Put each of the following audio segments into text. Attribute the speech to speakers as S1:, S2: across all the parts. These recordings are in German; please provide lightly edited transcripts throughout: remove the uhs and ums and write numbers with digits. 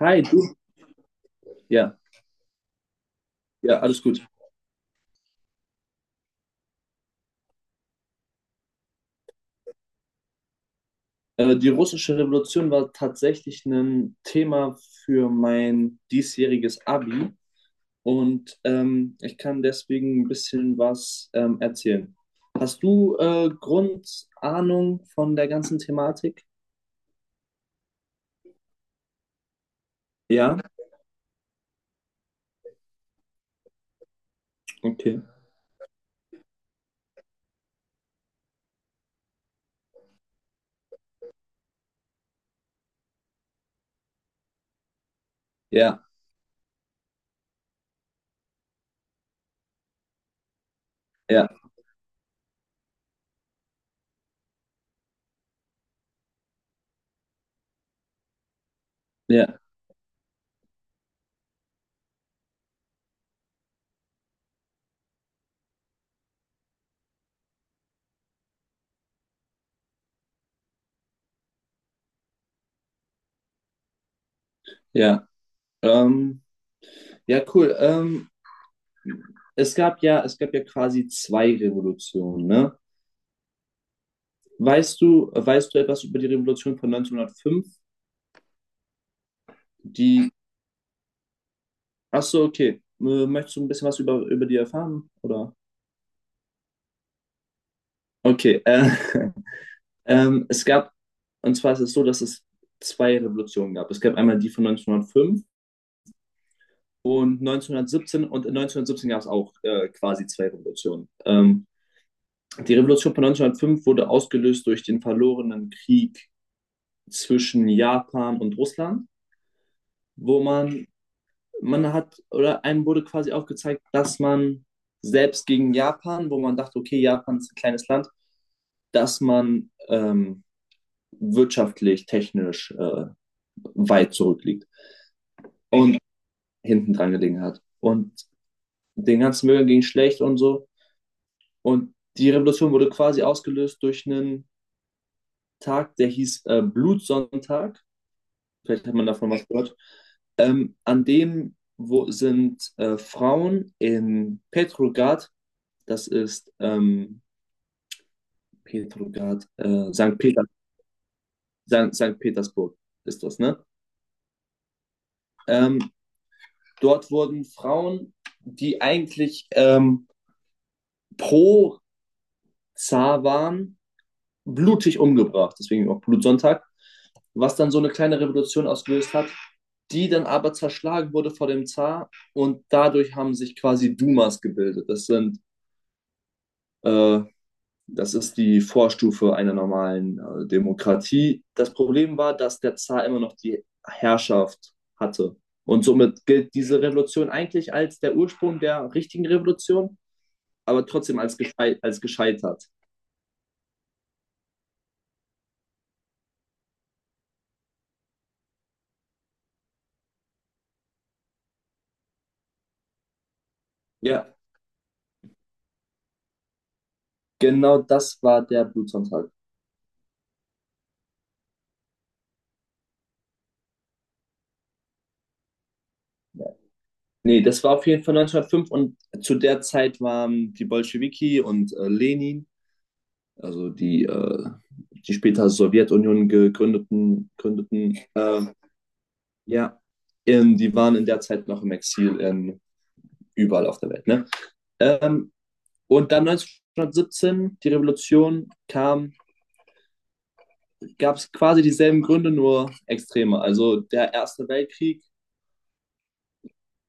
S1: Hi, du. Ja, ja, alles gut. Die russische Revolution war tatsächlich ein Thema für mein diesjähriges Abi, und ich kann deswegen ein bisschen was erzählen. Hast du Grundahnung von der ganzen Thematik? Ja, okay. Ja, ja, ja, ja. Ähm, ja, cool. Es gab ja quasi zwei Revolutionen, ne? Weißt du etwas über die Revolution von 1905, die. Ach so, okay. Möchtest du ein bisschen was über die erfahren? Oder? Okay. Ähm, es gab, und zwar ist es so, dass es zwei Revolutionen gab. Es gab einmal die von 1905 und 1917, und in 1917 gab es auch quasi zwei Revolutionen. Die Revolution von 1905 wurde ausgelöst durch den verlorenen Krieg zwischen Japan und Russland, wo man hat, oder einem wurde quasi aufgezeigt, dass man selbst gegen Japan, wo man dachte, okay, Japan ist ein kleines Land, dass man wirtschaftlich, technisch weit zurückliegt und hinten dran gelegen hat. Und den ganzen Müll ging schlecht und so. Und die Revolution wurde quasi ausgelöst durch einen Tag, der hieß Blutsonntag. Vielleicht hat man davon was gehört. An dem wo sind Frauen in Petrograd. Das ist Petrograd, St. Peter, St. Petersburg ist das, ne? Ähm, dort wurden Frauen, die eigentlich pro Zar waren, blutig umgebracht, deswegen auch Blutsonntag, was dann so eine kleine Revolution ausgelöst hat, die dann aber zerschlagen wurde vor dem Zar, und dadurch haben sich quasi Dumas gebildet. Äh, Das ist die Vorstufe einer normalen Demokratie. Das Problem war, dass der Zar immer noch die Herrschaft hatte. Und somit gilt diese Revolution eigentlich als der Ursprung der richtigen Revolution, aber trotzdem als gescheitert. Ja, genau das war der Blutsonntag. Ja. Nee, das war auf jeden Fall 1905, und zu der Zeit waren die Bolschewiki und Lenin, also die später Sowjetunion gegründeten. Ja, die waren in der Zeit noch im Exil in überall auf der Welt. Ne? Ähm, und dann 1917, die Revolution kam, gab es quasi dieselben Gründe, nur extreme. Also der Erste Weltkrieg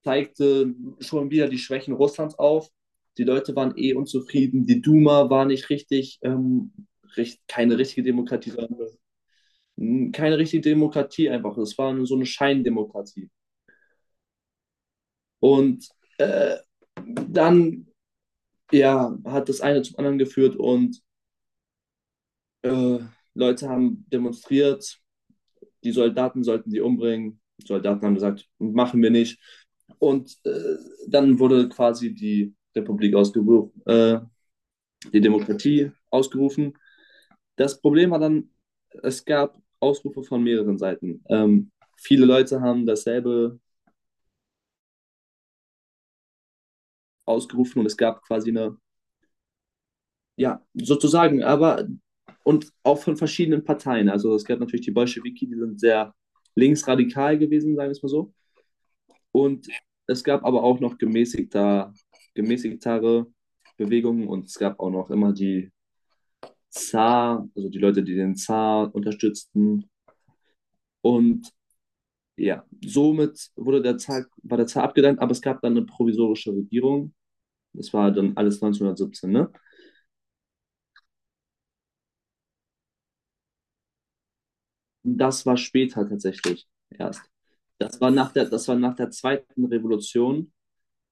S1: zeigte schon wieder die Schwächen Russlands auf. Die Leute waren eh unzufrieden. Die Duma war nicht richtig, keine richtige Demokratie, sondern keine richtige Demokratie einfach. Es war nur so eine Scheindemokratie. Und äh, dann ja, hat das eine zum anderen geführt, und äh, Leute haben demonstriert, die Soldaten sollten die umbringen. Die Soldaten haben gesagt, machen wir nicht. Und dann wurde quasi die Republik ausgerufen, die Demokratie ausgerufen. Das Problem war dann, es gab Ausrufe von mehreren Seiten. Viele Leute haben dasselbe ausgerufen, und es gab quasi eine. Ja, sozusagen, aber und auch von verschiedenen Parteien. Also es gab natürlich die Bolschewiki, die sind sehr linksradikal gewesen, sagen wir es mal so. Und es gab aber auch noch gemäßigtere Bewegungen, und es gab auch noch immer die Zar, also die Leute, die den Zar unterstützten. Und ja, somit war der Zar abgedankt, aber es gab dann eine provisorische Regierung. Das war dann alles 1917, ne? Das war später tatsächlich erst. Das war nach der zweiten Revolution.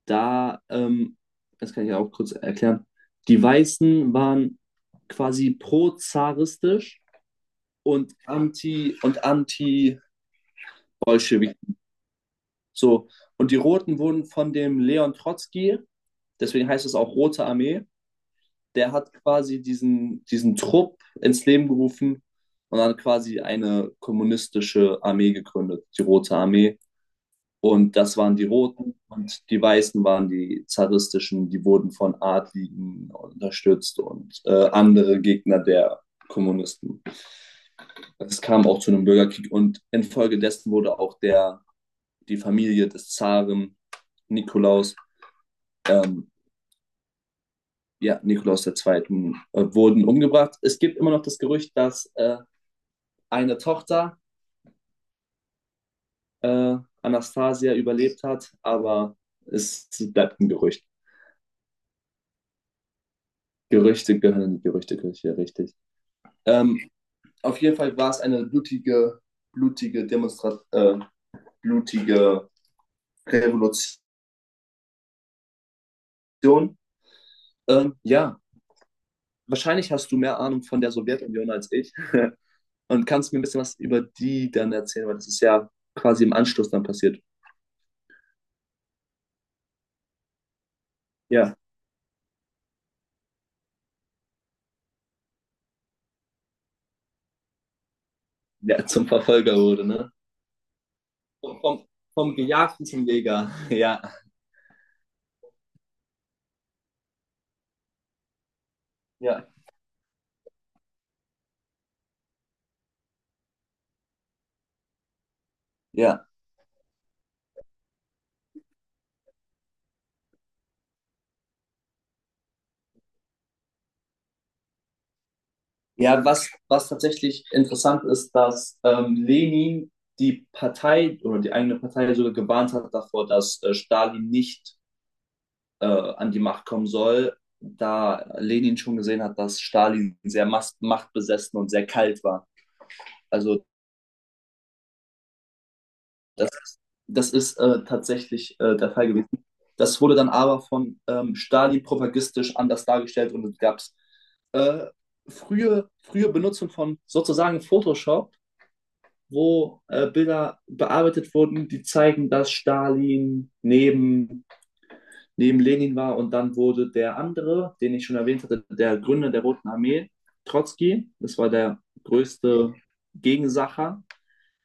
S1: Da, das kann ich ja auch kurz erklären. Die Weißen waren quasi pro-zaristisch und anti-Bolschewik. So. Und die Roten wurden von dem Leon Trotzki, deswegen heißt es auch Rote Armee. Der hat quasi diesen Trupp ins Leben gerufen und dann quasi eine kommunistische Armee gegründet, die Rote Armee. Und das waren die Roten, und die Weißen waren die zaristischen, die wurden von Adligen unterstützt und andere Gegner der Kommunisten. Es kam auch zu einem Bürgerkrieg, und infolgedessen wurde auch die Familie des Zaren Nikolaus, ähm, ja, Nikolaus II. Wurden umgebracht. Es gibt immer noch das Gerücht, dass eine Tochter, Anastasia, überlebt hat, aber es bleibt ein Gerücht. Gerüchte gehören in die Gerüchteküche, richtig. Ähm, auf jeden Fall war es eine blutige, blutige Demonstration, blutige Revolution. Ja, wahrscheinlich hast du mehr Ahnung von der Sowjetunion als ich und kannst mir ein bisschen was über die dann erzählen, weil das ist ja quasi im Anschluss dann passiert. Ja, der zum Verfolger wurde, ne? Vom, vom Gejagten zum Jäger. Ja, ja, ja. Ja, was tatsächlich interessant ist, dass Lenin die Partei oder die eigene Partei sogar gewarnt hat davor, dass Stalin nicht an die Macht kommen soll, da Lenin schon gesehen hat, dass Stalin sehr machtbesessen und sehr kalt war. Also das, das ist tatsächlich der Fall gewesen. Das wurde dann aber von Stalin propagandistisch anders dargestellt, und es gab äh, frühe Benutzung von sozusagen Photoshop, wo Bilder bearbeitet wurden, die zeigen, dass Stalin neben, Lenin war, und dann wurde der andere, den ich schon erwähnt hatte, der Gründer der Roten Armee, Trotzki, das war der größte Gegensacher,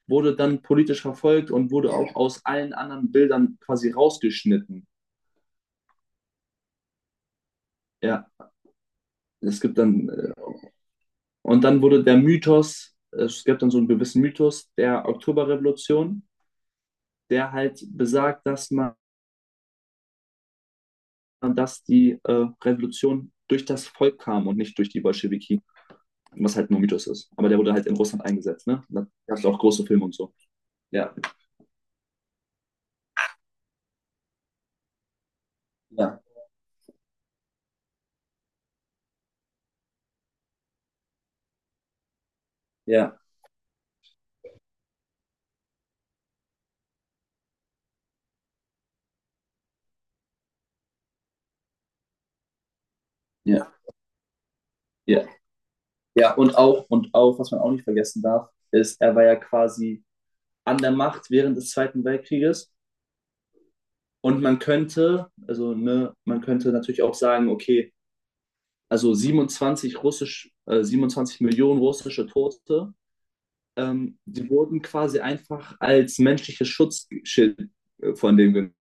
S1: wurde dann politisch verfolgt und wurde auch aus allen anderen Bildern quasi rausgeschnitten. Ja, es gibt dann, äh, und dann wurde der Mythos. Es gibt dann so einen gewissen Mythos der Oktoberrevolution, der halt besagt, dass die Revolution durch das Volk kam und nicht durch die Bolschewiki, was halt nur Mythos ist. Aber der wurde halt in Russland eingesetzt, ne? Da gab es auch große Filme und so. Ja, ja, ja, ja, ja. Ja, und auch, was man auch nicht vergessen darf, ist, er war ja quasi an der Macht während des Zweiten Weltkrieges. Und also ne, man könnte natürlich auch sagen, okay, also 27 russisch, 27 Millionen russische Tote. Die wurden quasi einfach als menschliches Schutzschild von dem genommen.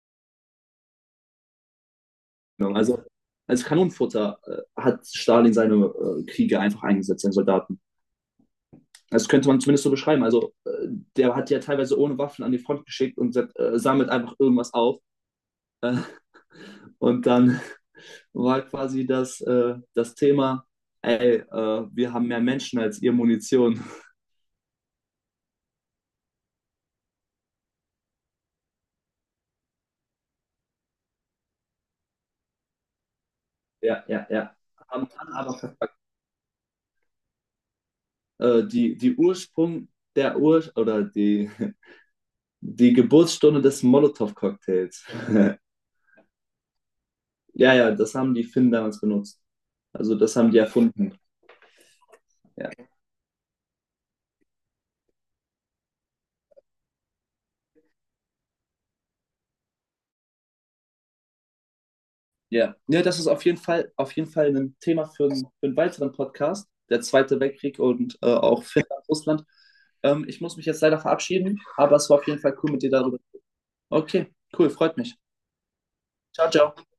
S1: Also als Kanonenfutter hat Stalin seine Kriege einfach eingesetzt, seine Soldaten. Das könnte man zumindest so beschreiben. Also der hat die ja teilweise ohne Waffen an die Front geschickt und sammelt einfach irgendwas auf. Äh, und dann war quasi das Thema, ey, wir haben mehr Menschen als ihr Munition. Ja, ja, ja. Haben dann aber die Ursprung, der Ur, oder die. Die Geburtsstunde des Molotow-Cocktails. Ja, ja, das haben die Finnen damals benutzt. Also das haben die erfunden. Ja, ja. Ja, das ist auf jeden Fall ein Thema für einen weiteren Podcast. Der Zweite Weltkrieg und auch Finnland, Russland. Ich muss mich jetzt leider verabschieden, aber es war auf jeden Fall cool mit dir darüber. Okay, cool, freut mich. Ciao, ciao.